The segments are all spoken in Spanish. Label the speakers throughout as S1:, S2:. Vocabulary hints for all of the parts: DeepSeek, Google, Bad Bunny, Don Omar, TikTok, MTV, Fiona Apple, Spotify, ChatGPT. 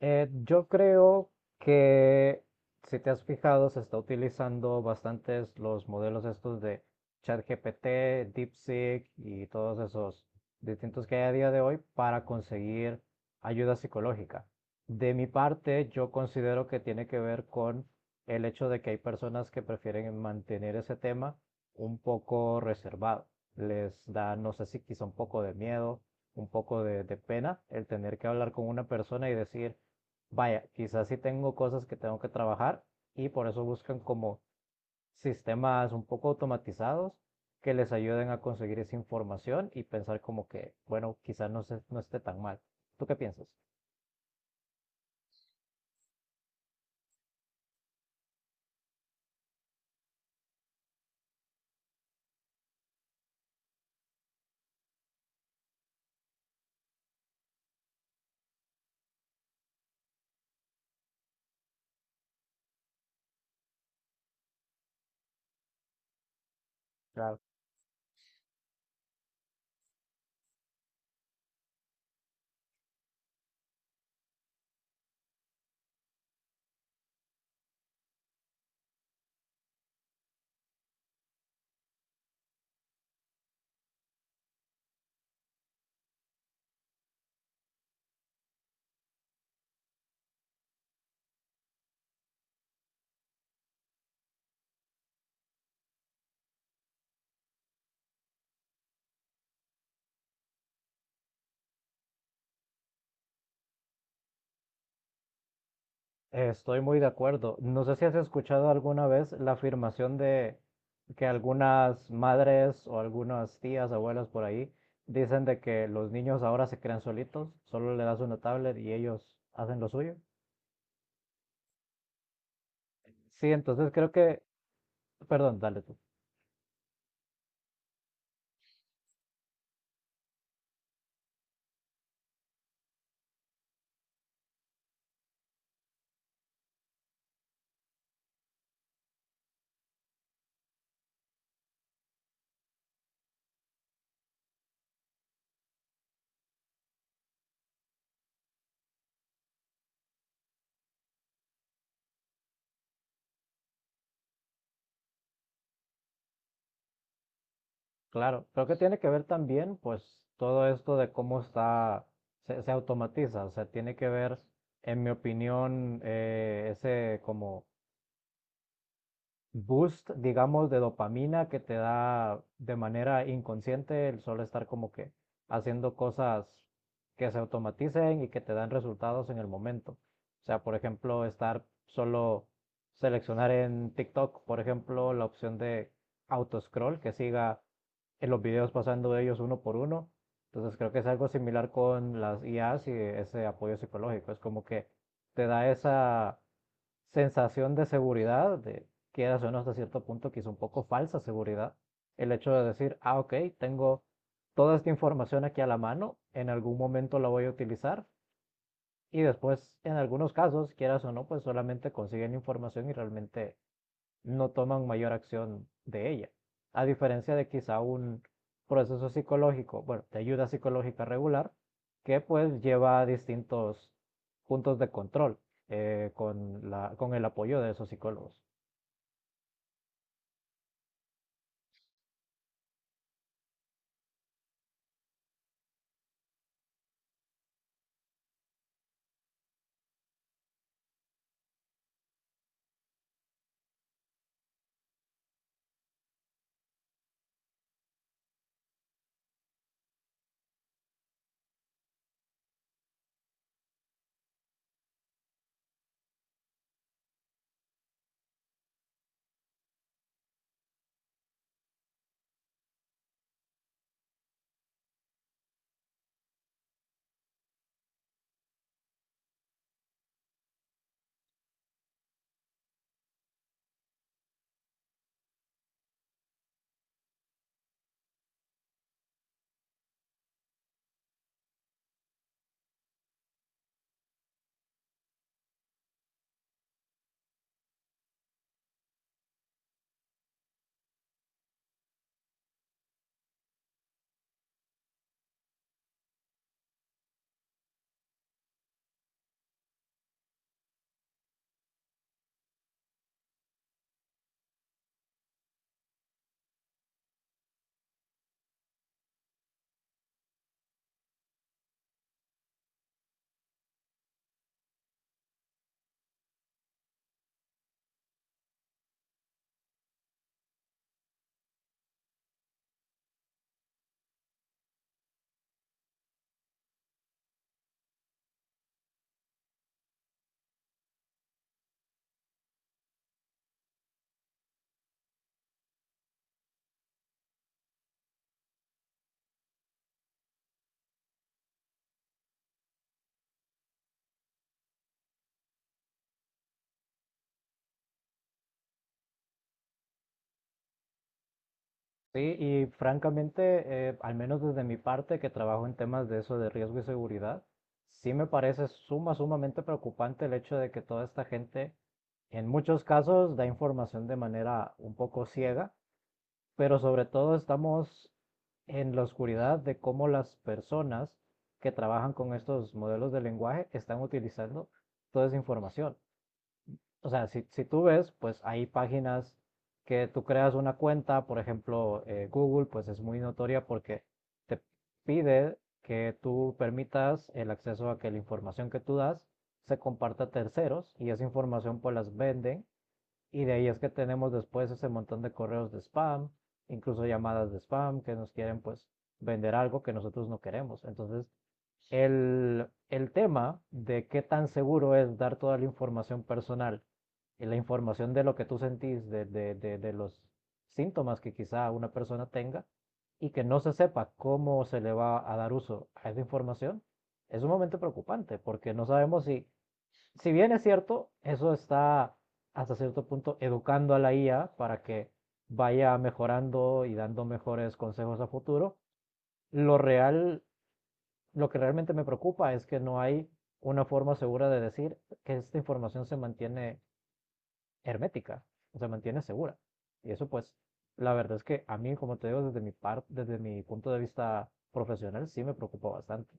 S1: Yo creo que si te has fijado, se está utilizando bastantes los modelos estos de ChatGPT, DeepSeek y todos esos distintos que hay a día de hoy para conseguir ayuda psicológica. De mi parte, yo considero que tiene que ver con el hecho de que hay personas que prefieren mantener ese tema un poco reservado. Les da, no sé si quizá un poco de miedo, un poco de pena el tener que hablar con una persona y decir, vaya, quizás sí tengo cosas que tengo que trabajar y por eso buscan como sistemas un poco automatizados que les ayuden a conseguir esa información y pensar como que, bueno, quizás no, no esté tan mal. ¿Tú qué piensas? Claro. Estoy muy de acuerdo. ¿No sé si has escuchado alguna vez la afirmación de que algunas madres o algunas tías, abuelas por ahí dicen de que los niños ahora se crean solitos, solo le das una tablet y ellos hacen lo suyo? Sí, entonces creo que perdón, dale tú. Claro, creo que tiene que ver también, pues, todo esto de cómo está, se automatiza, o sea, tiene que ver, en mi opinión, ese como boost, digamos, de dopamina que te da de manera inconsciente el solo estar como que haciendo cosas que se automaticen y que te dan resultados en el momento. O sea, por ejemplo, estar solo seleccionar en TikTok, por ejemplo, la opción de autoscroll que siga en los videos pasando de ellos uno por uno. Entonces creo que es algo similar con las IAs y ese apoyo psicológico. Es como que te da esa sensación de seguridad de quieras o no, hasta cierto punto, quizá un poco falsa seguridad. El hecho de decir, ah, ok, tengo toda esta información aquí a la mano, en algún momento la voy a utilizar. Y después, en algunos casos, quieras o no, pues solamente consiguen información y realmente no toman mayor acción de ella. A diferencia de quizá un proceso psicológico, bueno, de ayuda psicológica regular, que pues lleva a distintos puntos de control con, la, con el apoyo de esos psicólogos. Sí, y francamente, al menos desde mi parte, que trabajo en temas de eso, de riesgo y seguridad, sí me parece sumamente preocupante el hecho de que toda esta gente, en muchos casos, da información de manera un poco ciega, pero sobre todo estamos en la oscuridad de cómo las personas que trabajan con estos modelos de lenguaje están utilizando toda esa información. O sea, si tú ves, pues hay páginas que tú creas una cuenta, por ejemplo, Google, pues es muy notoria porque te pide que tú permitas el acceso a que la información que tú das se comparta a terceros y esa información pues las venden y de ahí es que tenemos después ese montón de correos de spam, incluso llamadas de spam que nos quieren pues vender algo que nosotros no queremos. Entonces, el tema de qué tan seguro es dar toda la información personal y la información de lo que tú sentís, de los síntomas que quizá una persona tenga y que no se sepa cómo se le va a dar uso a esa información, es un momento preocupante porque no sabemos si, si bien es cierto, eso está hasta cierto punto educando a la IA para que vaya mejorando y dando mejores consejos a futuro, lo real lo que realmente me preocupa es que no hay una forma segura de decir que esta información se mantiene hermética, se mantiene segura. Y eso pues, la verdad es que a mí, como te digo, desde mi parte, desde mi punto de vista profesional, sí me preocupa bastante,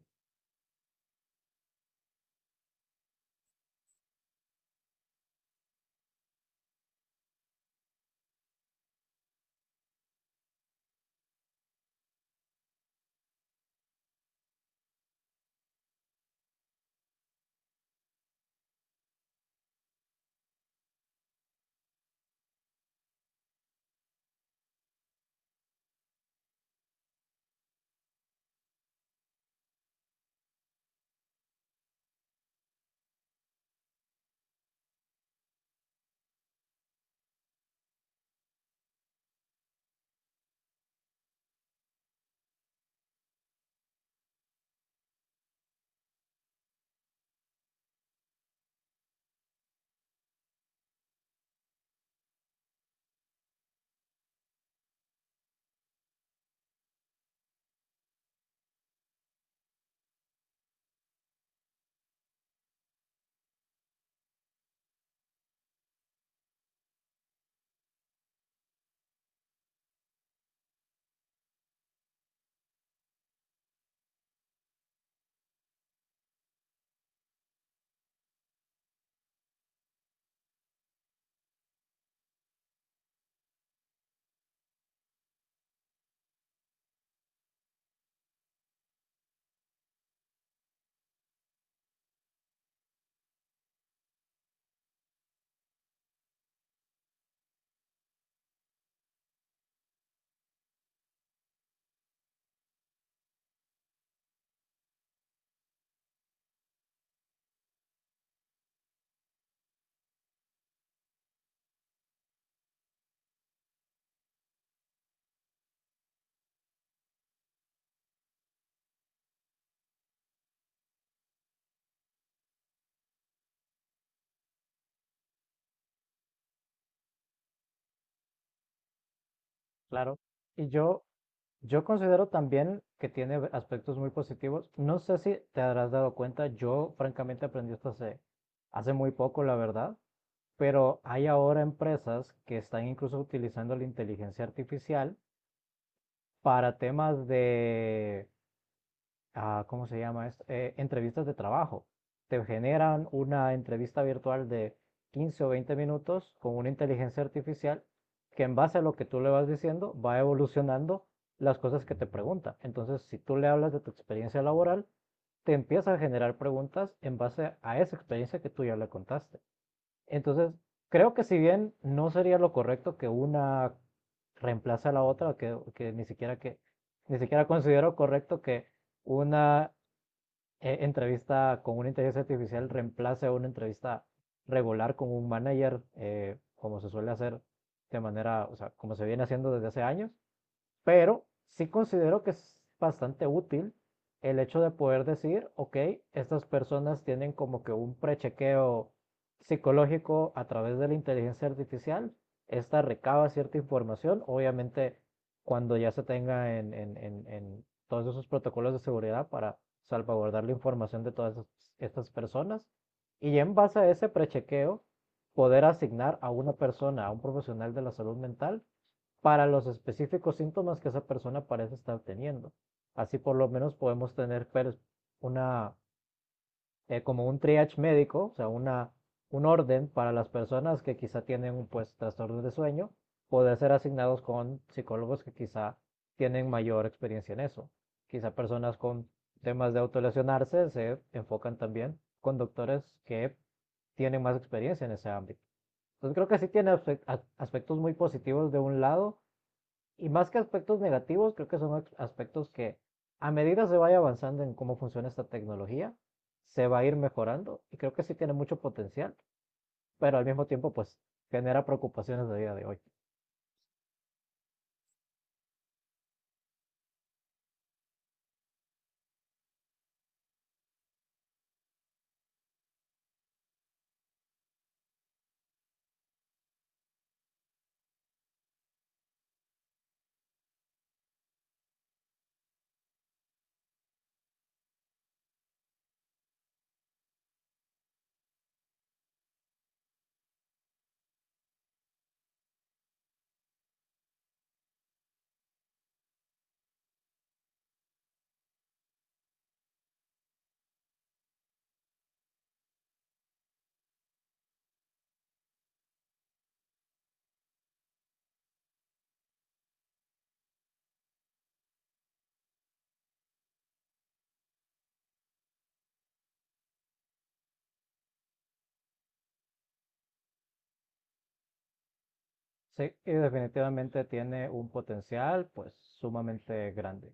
S1: claro. Y yo, yo considero también que tiene aspectos muy positivos. No sé si te habrás dado cuenta, yo francamente aprendí esto hace muy poco, la verdad, pero hay ahora empresas que están incluso utilizando la inteligencia artificial para temas de, ah, ¿cómo se llama esto? Entrevistas de trabajo. Te generan una entrevista virtual de 15 o 20 minutos con una inteligencia artificial que en base a lo que tú le vas diciendo va evolucionando las cosas que te pregunta. Entonces, si tú le hablas de tu experiencia laboral, te empieza a generar preguntas en base a esa experiencia que tú ya le contaste. Entonces, creo que si bien no sería lo correcto que una reemplace a la otra, que ni siquiera considero correcto que una entrevista con una inteligencia artificial reemplace a una entrevista regular con un manager, como se suele hacer de manera, o sea, como se viene haciendo desde hace años. Pero sí considero que es bastante útil el hecho de poder decir, ok, estas personas tienen como que un prechequeo psicológico a través de la inteligencia artificial. Esta recaba cierta información, obviamente cuando ya se tenga en todos esos protocolos de seguridad para salvaguardar la información de todas personas. Y ya en base a ese prechequeo, poder asignar a una persona, a un profesional de la salud mental, para los específicos síntomas que esa persona parece estar teniendo. Así por lo menos podemos tener pues, una, como un triage médico, o sea, una, un orden para las personas que quizá tienen pues trastornos de sueño, poder ser asignados con psicólogos que quizá tienen mayor experiencia en eso. Quizá personas con temas de autolesionarse se enfocan también con doctores que tienen más experiencia en ese ámbito. Entonces creo que sí tiene aspectos muy positivos de un lado y más que aspectos negativos, creo que son aspectos que a medida se vaya avanzando en cómo funciona esta tecnología, se va a ir mejorando y creo que sí tiene mucho potencial, pero al mismo tiempo pues genera preocupaciones de día de hoy. Sí, y definitivamente tiene un potencial pues sumamente grande.